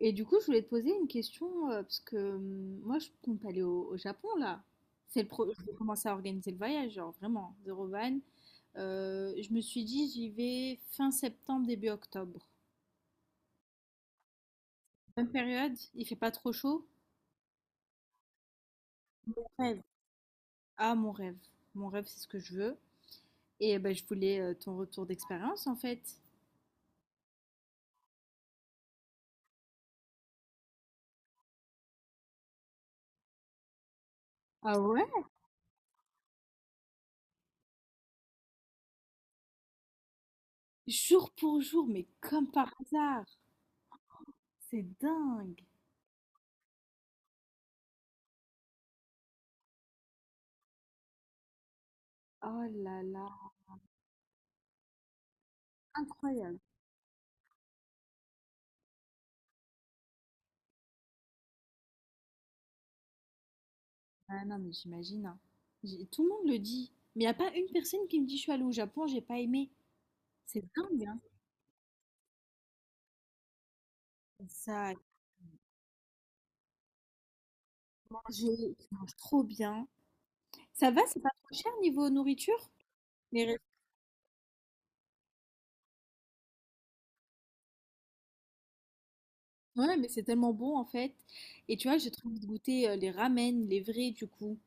Et du coup, je voulais te poser une question, parce que moi, je compte aller au Japon, là. Je vais commencer à organiser le voyage, genre vraiment, zéro van. Je me suis dit, j'y vais fin septembre, début octobre. Bonne période, il fait pas trop chaud. Rêve. Ah, mon rêve. Mon rêve, c'est ce que je veux. Et eh ben, je voulais ton retour d'expérience, en fait. Ah ouais? Jour pour jour, mais comme par hasard. C'est dingue. Oh là là, incroyable. Ah non, mais j'imagine, hein. Tout le monde le dit. Mais il n'y a pas une personne qui me dit je suis allée au Japon, j'ai pas aimé. C'est dingue, hein. Ça, manger, tu manges trop bien. Ça va, c'est pas trop cher niveau nourriture? Les restos- Ouais, mais c'est tellement bon en fait. Et tu vois, j'ai trop envie de goûter les ramen, les vrais du coup.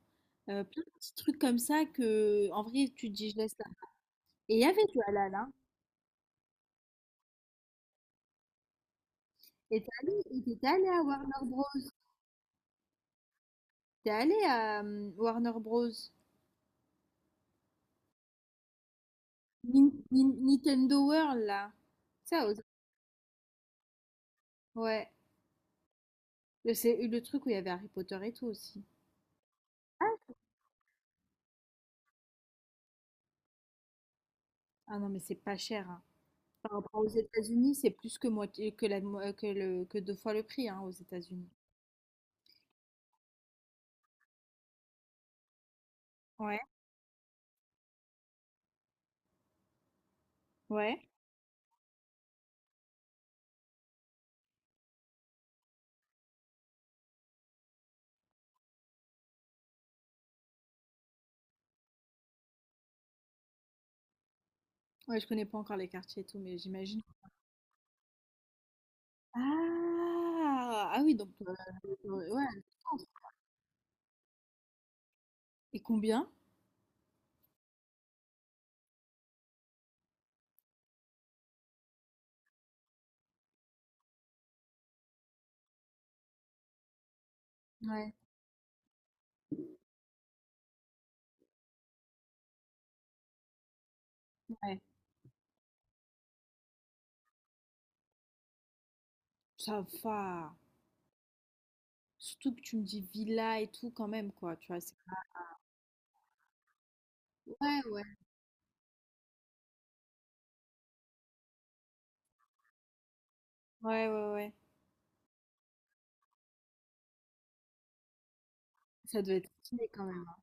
Plein de petits trucs comme ça que, en vrai, tu te dis je laisse là. Et il y avait du halal, hein. Et t'es allé, et t'es allé à Warner Bros. T'es allé à Warner Bros. Nintendo World là. Ça, ouais, le c'est le truc où il y avait Harry Potter et tout aussi. Ah, ah non, mais c'est pas cher, hein. Par rapport aux États-Unis, c'est plus que moitié, que 2 fois le prix, hein, aux États-Unis. Ouais, ouais. Ouais, je connais pas encore les quartiers et tout, mais j'imagine. Ah, ah oui, donc, ouais, le centre. Et combien? Ouais, ouais. Ça va. Surtout que tu me dis villa et tout quand même, quoi, tu vois, ouais, ouais. Ouais, ouais, ouais. Ça doit être stylé quand même, hein.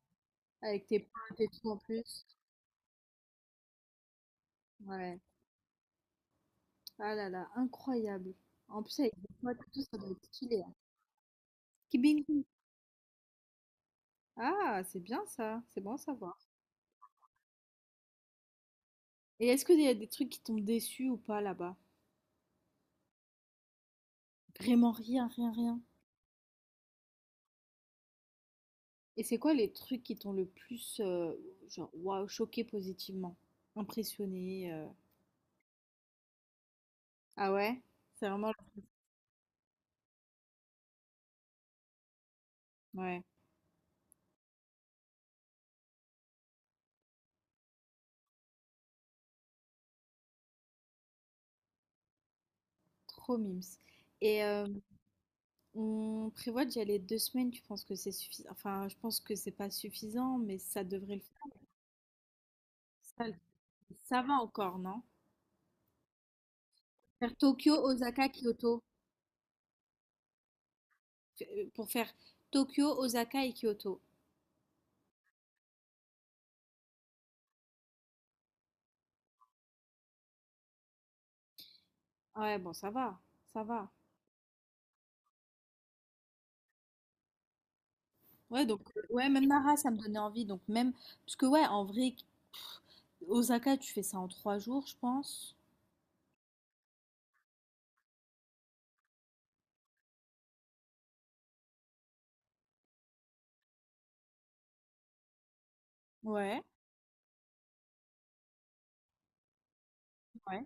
Avec tes potes et tout en plus. Ouais. Ah là là, incroyable. En plus avec des potes et tout, ça doit être stylé, hein. Kibingu. Ah, c'est bien ça, c'est bon à savoir. Et est-ce qu'il y a des trucs qui t'ont déçu ou pas là-bas? Vraiment rien, rien, rien. Et c'est quoi les trucs qui t'ont le plus, genre, waouh, choqué positivement? Impressionné? Ah ouais? C'est vraiment le truc. Ouais, trop mimes. Et euh, on prévoit d'y aller 2 semaines, tu penses que c'est suffisant? Enfin, je pense que c'est pas suffisant, mais ça devrait le faire. Ça, ça va encore, non? Faire Tokyo, Osaka, Kyoto. Pour faire Tokyo, Osaka et Kyoto. Ouais, bon, ça va, ça va. Ouais, donc, ouais, même Nara, ça me donnait envie. Donc, même, parce que, ouais, en vrai, Osaka, tu fais ça en 3 jours, je pense. Ouais, ouais.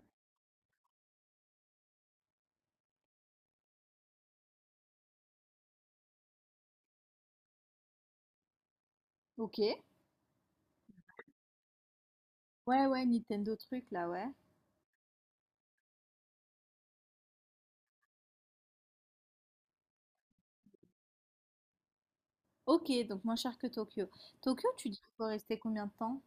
Ok. Ouais, ouais, Nintendo truc, là, ouais. Ok, donc moins cher que Tokyo. Tokyo, tu dis qu'il faut rester combien de temps?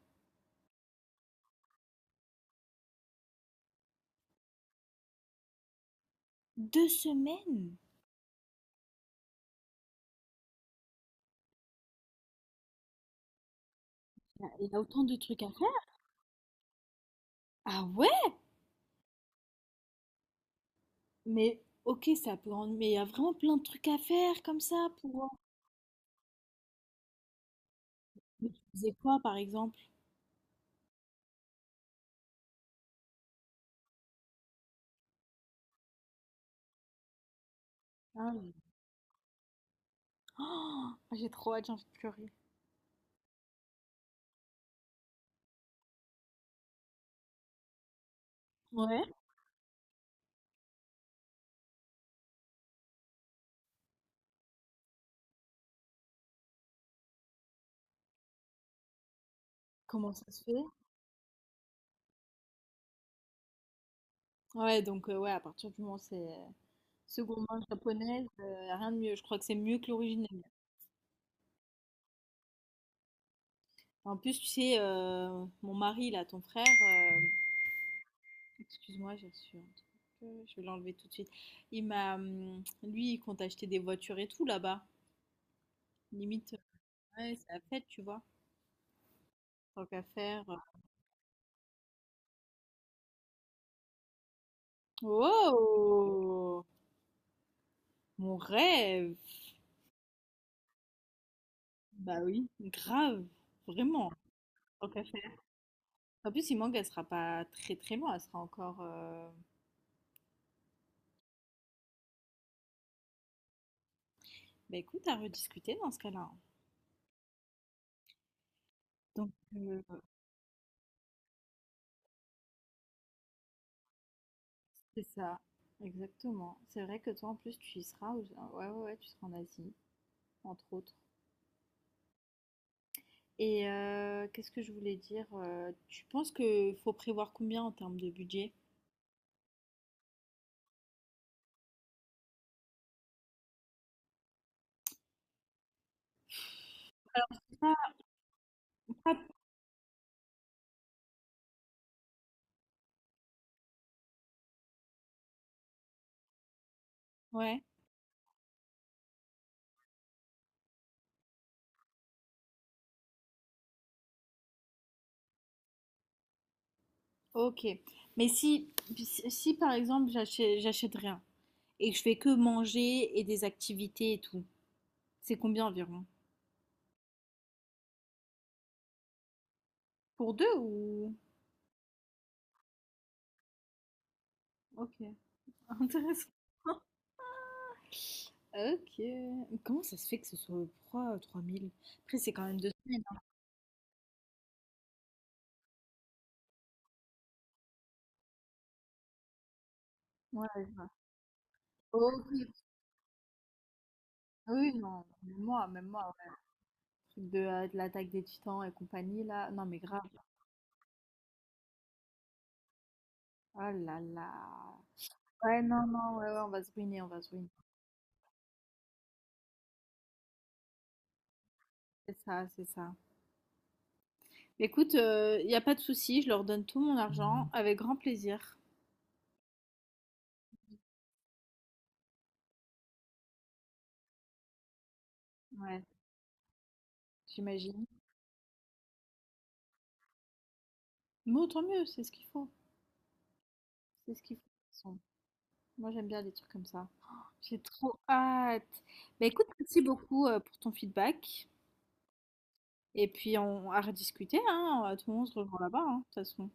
2 semaines? Il y a autant de trucs à faire? Ah ouais? Mais ok, mais il y a vraiment plein de trucs à faire comme ça pour. Mais tu faisais quoi, par exemple? Ah oui. Oh, j'ai trop hâte, j'ai envie de pleurer. Ouais. Comment ça se fait? Ouais, donc ouais, à partir du moment où c'est seconde main japonaise, rien de mieux. Je crois que c'est mieux que l'original. En plus, tu sais, mon mari, là, ton frère, excuse-moi, j'ai reçu un truc, je vais l'enlever tout de suite. Il m'a, lui, il compte acheter des voitures et tout là-bas. Limite, ouais, c'est la fête, tu vois. Tant qu'à faire, Oh, mon rêve! Bah oui, grave, vraiment, tant qu'à faire. En plus, Imang, elle sera pas très très loin, elle sera encore, bah écoute, à rediscuter dans ce cas-là, hein. Donc, euh, c'est ça, exactement. C'est vrai que toi, en plus, tu y seras, ouais, ouais, ouais, tu seras en Asie, entre autres. Qu'est-ce que je voulais dire? Tu penses que faut prévoir combien en termes de budget? Ah, ah, ouais, ok. Mais si, si, si, par exemple, j'achète rien et que je fais que manger et des activités et tout. C'est combien environ? Pour deux ou. Ok, intéressant. Ok. Mais comment ça se fait que ce soit trois mille. Après, c'est quand même 2 semaines, hein. Ouais, je vois. Ok. Oui, non, même moi, même moi, ouais. Truc de l'attaque des titans et compagnie, là. Non, mais grave. Ah là là. Ouais, non, non, ouais, ouais, on va se ruiner, on va se ruiner. C'est ça, c'est ça. Écoute, il n'y a pas de souci, je leur donne tout mon argent avec grand plaisir. Ouais, j'imagine. Mais autant mieux, c'est ce qu'il faut. C'est ce qu'il faut. Moi, j'aime bien les trucs comme ça. Oh, j'ai trop hâte. Bah écoute, merci beaucoup pour ton feedback. Et puis, on à rediscuter, hein. Tout le monde se revoit là-bas, hein, de toute façon.